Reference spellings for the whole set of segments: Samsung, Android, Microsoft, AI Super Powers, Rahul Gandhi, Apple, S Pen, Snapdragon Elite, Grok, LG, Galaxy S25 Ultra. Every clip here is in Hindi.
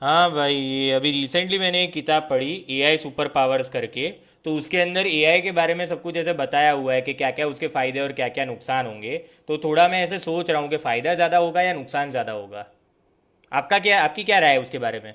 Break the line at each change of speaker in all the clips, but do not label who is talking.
हाँ भाई, ये अभी रिसेंटली मैंने एक किताब पढ़ी, एआई सुपर पावर्स करके। तो उसके अंदर एआई के बारे में सब कुछ ऐसे बताया हुआ है कि क्या क्या उसके फायदे और क्या क्या नुकसान होंगे। तो थोड़ा मैं ऐसे सोच रहा हूँ कि फायदा ज़्यादा होगा या नुकसान ज़्यादा होगा। आपका क्या, आपकी क्या राय है उसके बारे में?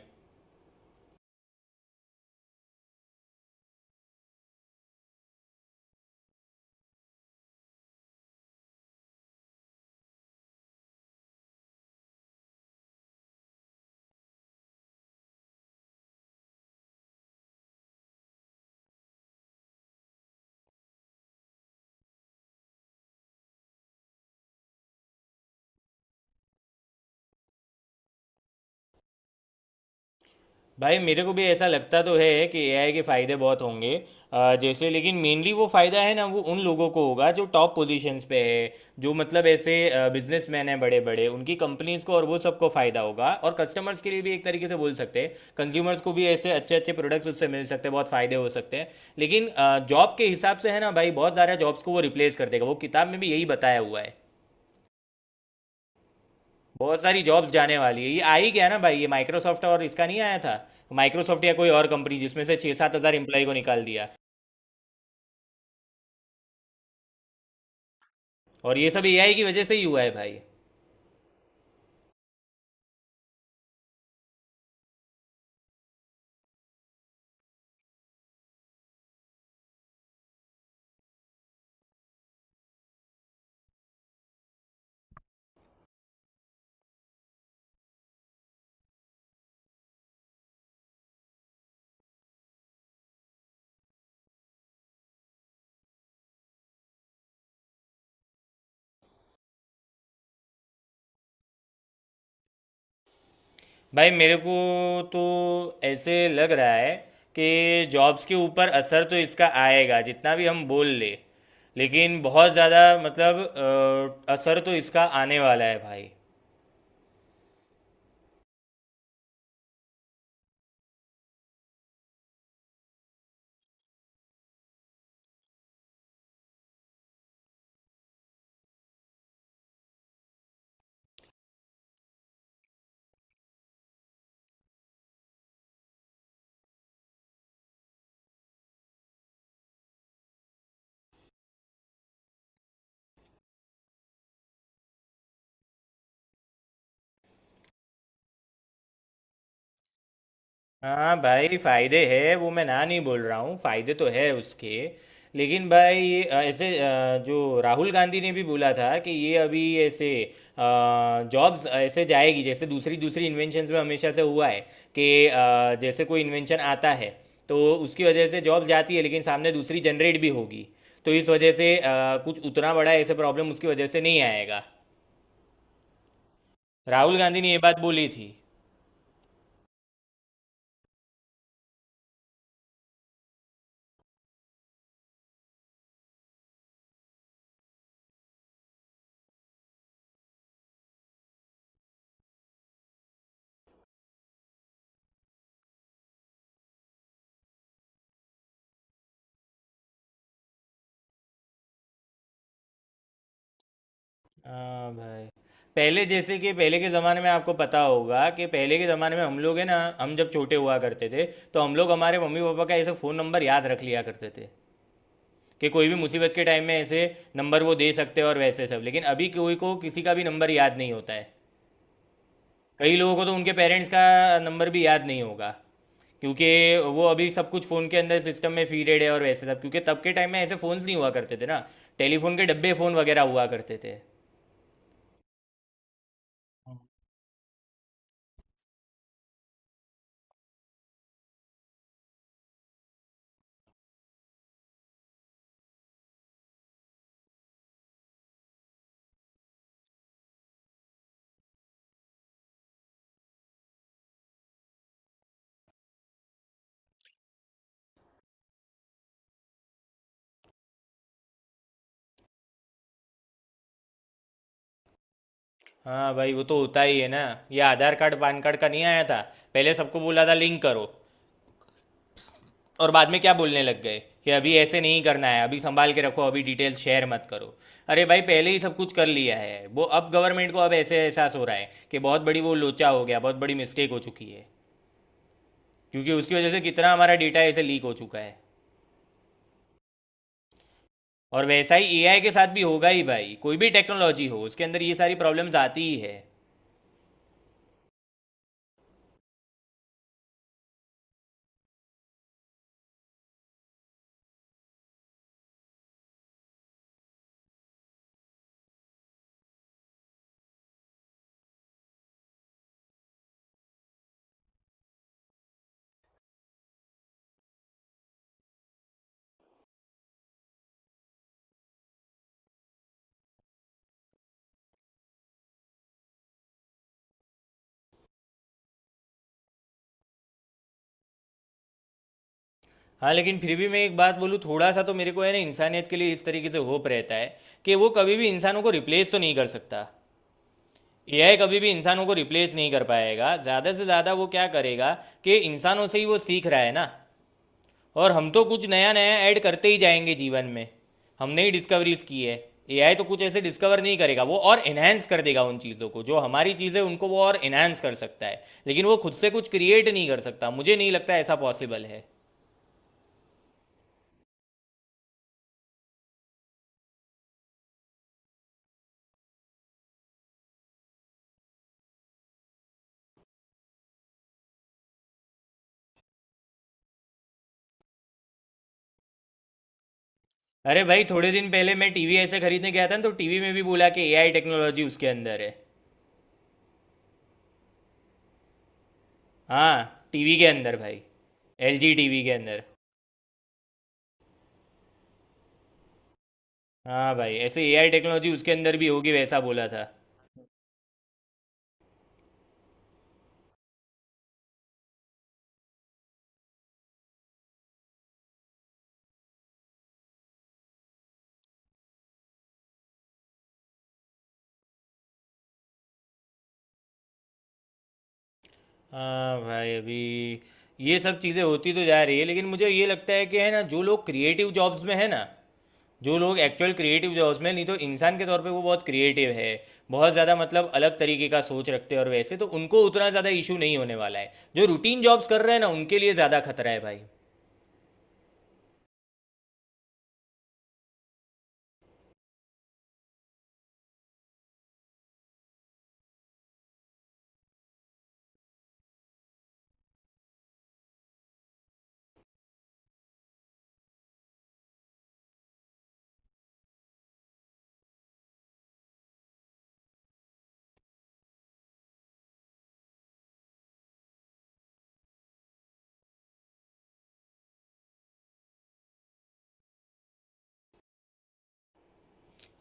भाई मेरे को भी ऐसा लगता तो है कि एआई के फ़ायदे बहुत होंगे। जैसे लेकिन मेनली वो फ़ायदा है ना, वो उन लोगों को होगा जो टॉप पोजीशंस पे है। जो मतलब ऐसे बिजनेसमैन हैं बड़े बड़े, उनकी कंपनीज को और वो सबको फ़ायदा होगा, और कस्टमर्स के लिए भी एक तरीके से बोल सकते हैं, कंज्यूमर्स को भी ऐसे अच्छे अच्छे प्रोडक्ट्स उससे मिल सकते हैं, बहुत फ़ायदे हो सकते हैं। लेकिन जॉब के हिसाब से है ना भाई, बहुत सारे जॉब्स को वो रिप्लेस कर देगा, वो किताब में भी यही बताया हुआ है। बहुत सारी जॉब्स जाने वाली है। ये आ ही गया ना भाई, ये माइक्रोसॉफ्ट और इसका नहीं आया था? माइक्रोसॉफ्ट या कोई और कंपनी, जिसमें से 6-7 हज़ार एम्प्लॉय को निकाल दिया। और ये सब एआई की वजह से ही हुआ है भाई। भाई मेरे को तो ऐसे लग रहा है कि जॉब्स के ऊपर असर तो इसका आएगा, जितना भी हम बोल ले, लेकिन बहुत ज़्यादा मतलब असर तो इसका आने वाला है भाई। हाँ भाई, फायदे है, वो मैं ना नहीं बोल रहा हूँ, फायदे तो है उसके। लेकिन भाई ऐसे जो राहुल गांधी ने भी बोला था कि ये अभी ऐसे जॉब्स ऐसे जाएगी, जैसे दूसरी दूसरी इन्वेंशंस में हमेशा से हुआ है। कि जैसे कोई इन्वेंशन आता है तो उसकी वजह से जॉब जाती है, लेकिन सामने दूसरी जनरेट भी होगी, तो इस वजह से कुछ उतना बड़ा ऐसे प्रॉब्लम उसकी वजह से नहीं आएगा। राहुल गांधी ने ये बात बोली थी। हाँ भाई, पहले जैसे कि पहले के ज़माने में आपको पता होगा, कि पहले के ज़माने में हम लोग है ना, हम जब छोटे हुआ करते थे तो हम लोग हमारे मम्मी पापा का ऐसे फ़ोन नंबर याद रख लिया करते थे, कि कोई भी मुसीबत के टाइम में ऐसे नंबर वो दे सकते हैं और वैसे सब। लेकिन अभी कोई को किसी का भी नंबर याद नहीं होता है। कई लोगों को तो उनके पेरेंट्स का नंबर भी याद नहीं होगा, क्योंकि वो अभी सब कुछ फ़ोन के अंदर सिस्टम में फीडेड है और वैसे सब, क्योंकि तब के टाइम में ऐसे फ़ोन्स नहीं हुआ करते थे ना, टेलीफोन के डब्बे फ़ोन वगैरह हुआ करते थे। हाँ भाई, वो तो होता ही है ना। ये आधार कार्ड पान कार्ड का नहीं आया था? पहले सबको बोला था लिंक करो, और बाद में क्या बोलने लग गए, कि अभी ऐसे नहीं करना है, अभी संभाल के रखो, अभी डिटेल्स शेयर मत करो। अरे भाई, पहले ही सब कुछ कर लिया है वो, अब गवर्नमेंट को अब ऐसे एहसास हो रहा है कि बहुत बड़ी वो लोचा हो गया, बहुत बड़ी मिस्टेक हो चुकी है। क्योंकि उसकी वजह से कितना हमारा डेटा ऐसे लीक हो चुका है। और वैसा ही एआई के साथ भी होगा ही भाई, कोई भी टेक्नोलॉजी हो उसके अंदर ये सारी प्रॉब्लम्स आती ही है। हाँ, लेकिन फिर भी मैं एक बात बोलूँ थोड़ा सा, तो मेरे को है ना, इंसानियत के लिए इस तरीके से होप रहता है कि वो कभी भी इंसानों को रिप्लेस तो नहीं कर सकता। एआई कभी भी इंसानों को रिप्लेस नहीं कर पाएगा। ज़्यादा से ज़्यादा वो क्या करेगा, कि इंसानों से ही वो सीख रहा है ना, और हम तो कुछ नया नया ऐड करते ही जाएंगे जीवन में। हमने ही डिस्कवरीज की है। एआई तो कुछ ऐसे डिस्कवर नहीं करेगा, वो और एनहेंस कर देगा उन चीज़ों को, जो हमारी चीज़ें उनको वो और एनहेंस कर सकता है, लेकिन वो खुद से कुछ क्रिएट नहीं कर सकता। मुझे नहीं लगता ऐसा पॉसिबल है। अरे भाई, थोड़े दिन पहले मैं टीवी ऐसे खरीदने गया था ना, तो टीवी में भी बोला कि एआई टेक्नोलॉजी उसके अंदर है। हाँ, टीवी के अंदर भाई, एलजी टीवी के अंदर। हाँ भाई, ऐसे एआई टेक्नोलॉजी उसके अंदर भी होगी वैसा बोला था। हाँ भाई अभी, ये सब चीज़ें होती तो जा रही है, लेकिन मुझे ये लगता है कि है ना, जो लोग क्रिएटिव जॉब्स में है ना, जो लोग एक्चुअल क्रिएटिव जॉब्स में, नहीं तो इंसान के तौर पे वो बहुत क्रिएटिव है, बहुत ज़्यादा मतलब अलग तरीके का सोच रखते हैं, और वैसे तो उनको उतना ज़्यादा इशू नहीं होने वाला है। जो रूटीन जॉब्स कर रहे हैं ना, उनके लिए ज़्यादा खतरा है भाई।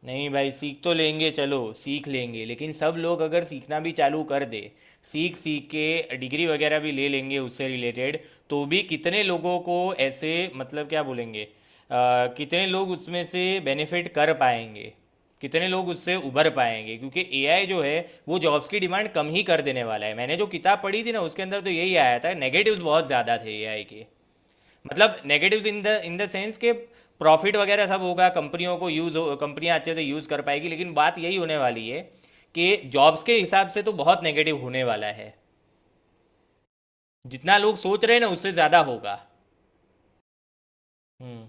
नहीं भाई, सीख तो लेंगे, चलो सीख लेंगे, लेकिन सब लोग अगर सीखना भी चालू कर दे, सीख सीख के डिग्री वगैरह भी ले लेंगे उससे रिलेटेड, तो भी कितने लोगों को ऐसे, मतलब क्या बोलेंगे, कितने लोग उसमें से बेनिफिट कर पाएंगे, कितने लोग उससे उभर पाएंगे, क्योंकि एआई जो है वो जॉब्स की डिमांड कम ही कर देने वाला है। मैंने जो किताब पढ़ी थी ना, उसके अंदर तो यही आया था, नेगेटिव्स बहुत ज़्यादा थे एआई के। मतलब नेगेटिव्स इन द सेंस के, प्रॉफिट वगैरह सब होगा कंपनियों को, यूज हो, कंपनियां अच्छे से यूज कर पाएगी, लेकिन बात यही होने वाली है कि जॉब्स के हिसाब से तो बहुत नेगेटिव होने वाला है। जितना लोग सोच रहे हैं ना, उससे ज़्यादा होगा। हम्म।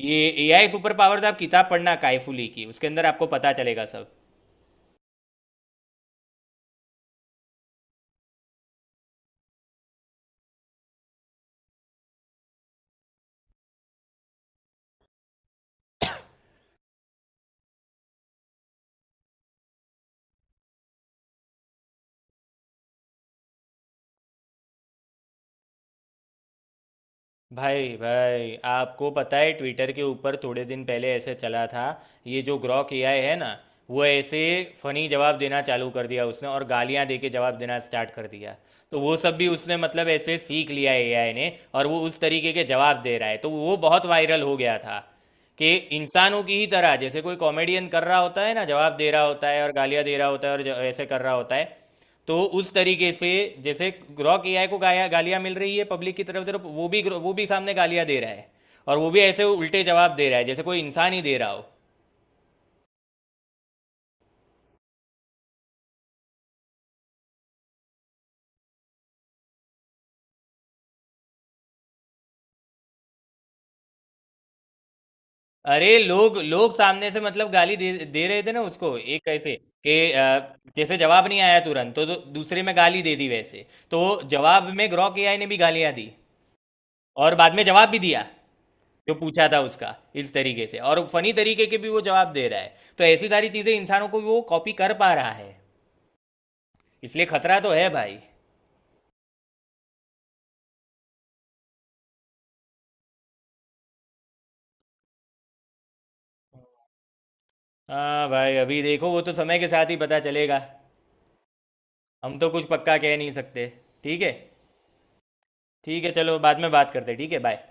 ये एआई सुपर पावर्स आप किताब पढ़ना कायफुली की, उसके अंदर आपको पता चलेगा सब। भाई भाई, आपको पता है ट्विटर के ऊपर थोड़े दिन पहले ऐसे चला था, ये जो ग्रॉक एआई है ना, वो ऐसे फनी जवाब देना चालू कर दिया उसने, और गालियां दे के जवाब देना स्टार्ट कर दिया। तो वो सब भी उसने मतलब ऐसे सीख लिया एआई ने, और वो उस तरीके के जवाब दे रहा है, तो वो बहुत वायरल हो गया था, कि इंसानों की ही तरह, जैसे कोई कॉमेडियन कर रहा होता है ना, जवाब दे रहा होता है और गालियां दे रहा होता है और ऐसे कर रहा होता है। तो उस तरीके से जैसे ग्रॉक एआई को गाया गालियां मिल रही है पब्लिक की तरफ से, तो वो भी सामने गालियां दे रहा है, और वो भी ऐसे उल्टे जवाब दे रहा है, जैसे कोई इंसान ही दे रहा हो। अरे लोग लोग सामने से मतलब गाली दे दे रहे थे ना उसको, एक कैसे कि, जैसे जवाब नहीं आया तुरंत तो दूसरे में गाली दे दी वैसे, तो जवाब में ग्रॉक एआई ने भी गालियां दी, और बाद में जवाब भी दिया जो पूछा था उसका। इस तरीके से और फनी तरीके के भी वो जवाब दे रहा है, तो ऐसी सारी चीजें इंसानों को वो कॉपी कर पा रहा है, इसलिए खतरा तो है भाई। हाँ भाई, अभी देखो वो तो समय के साथ ही पता चलेगा, हम तो कुछ पक्का कह नहीं सकते। ठीक है। ठीक है चलो, बाद में बात करते हैं, ठीक है, बाय।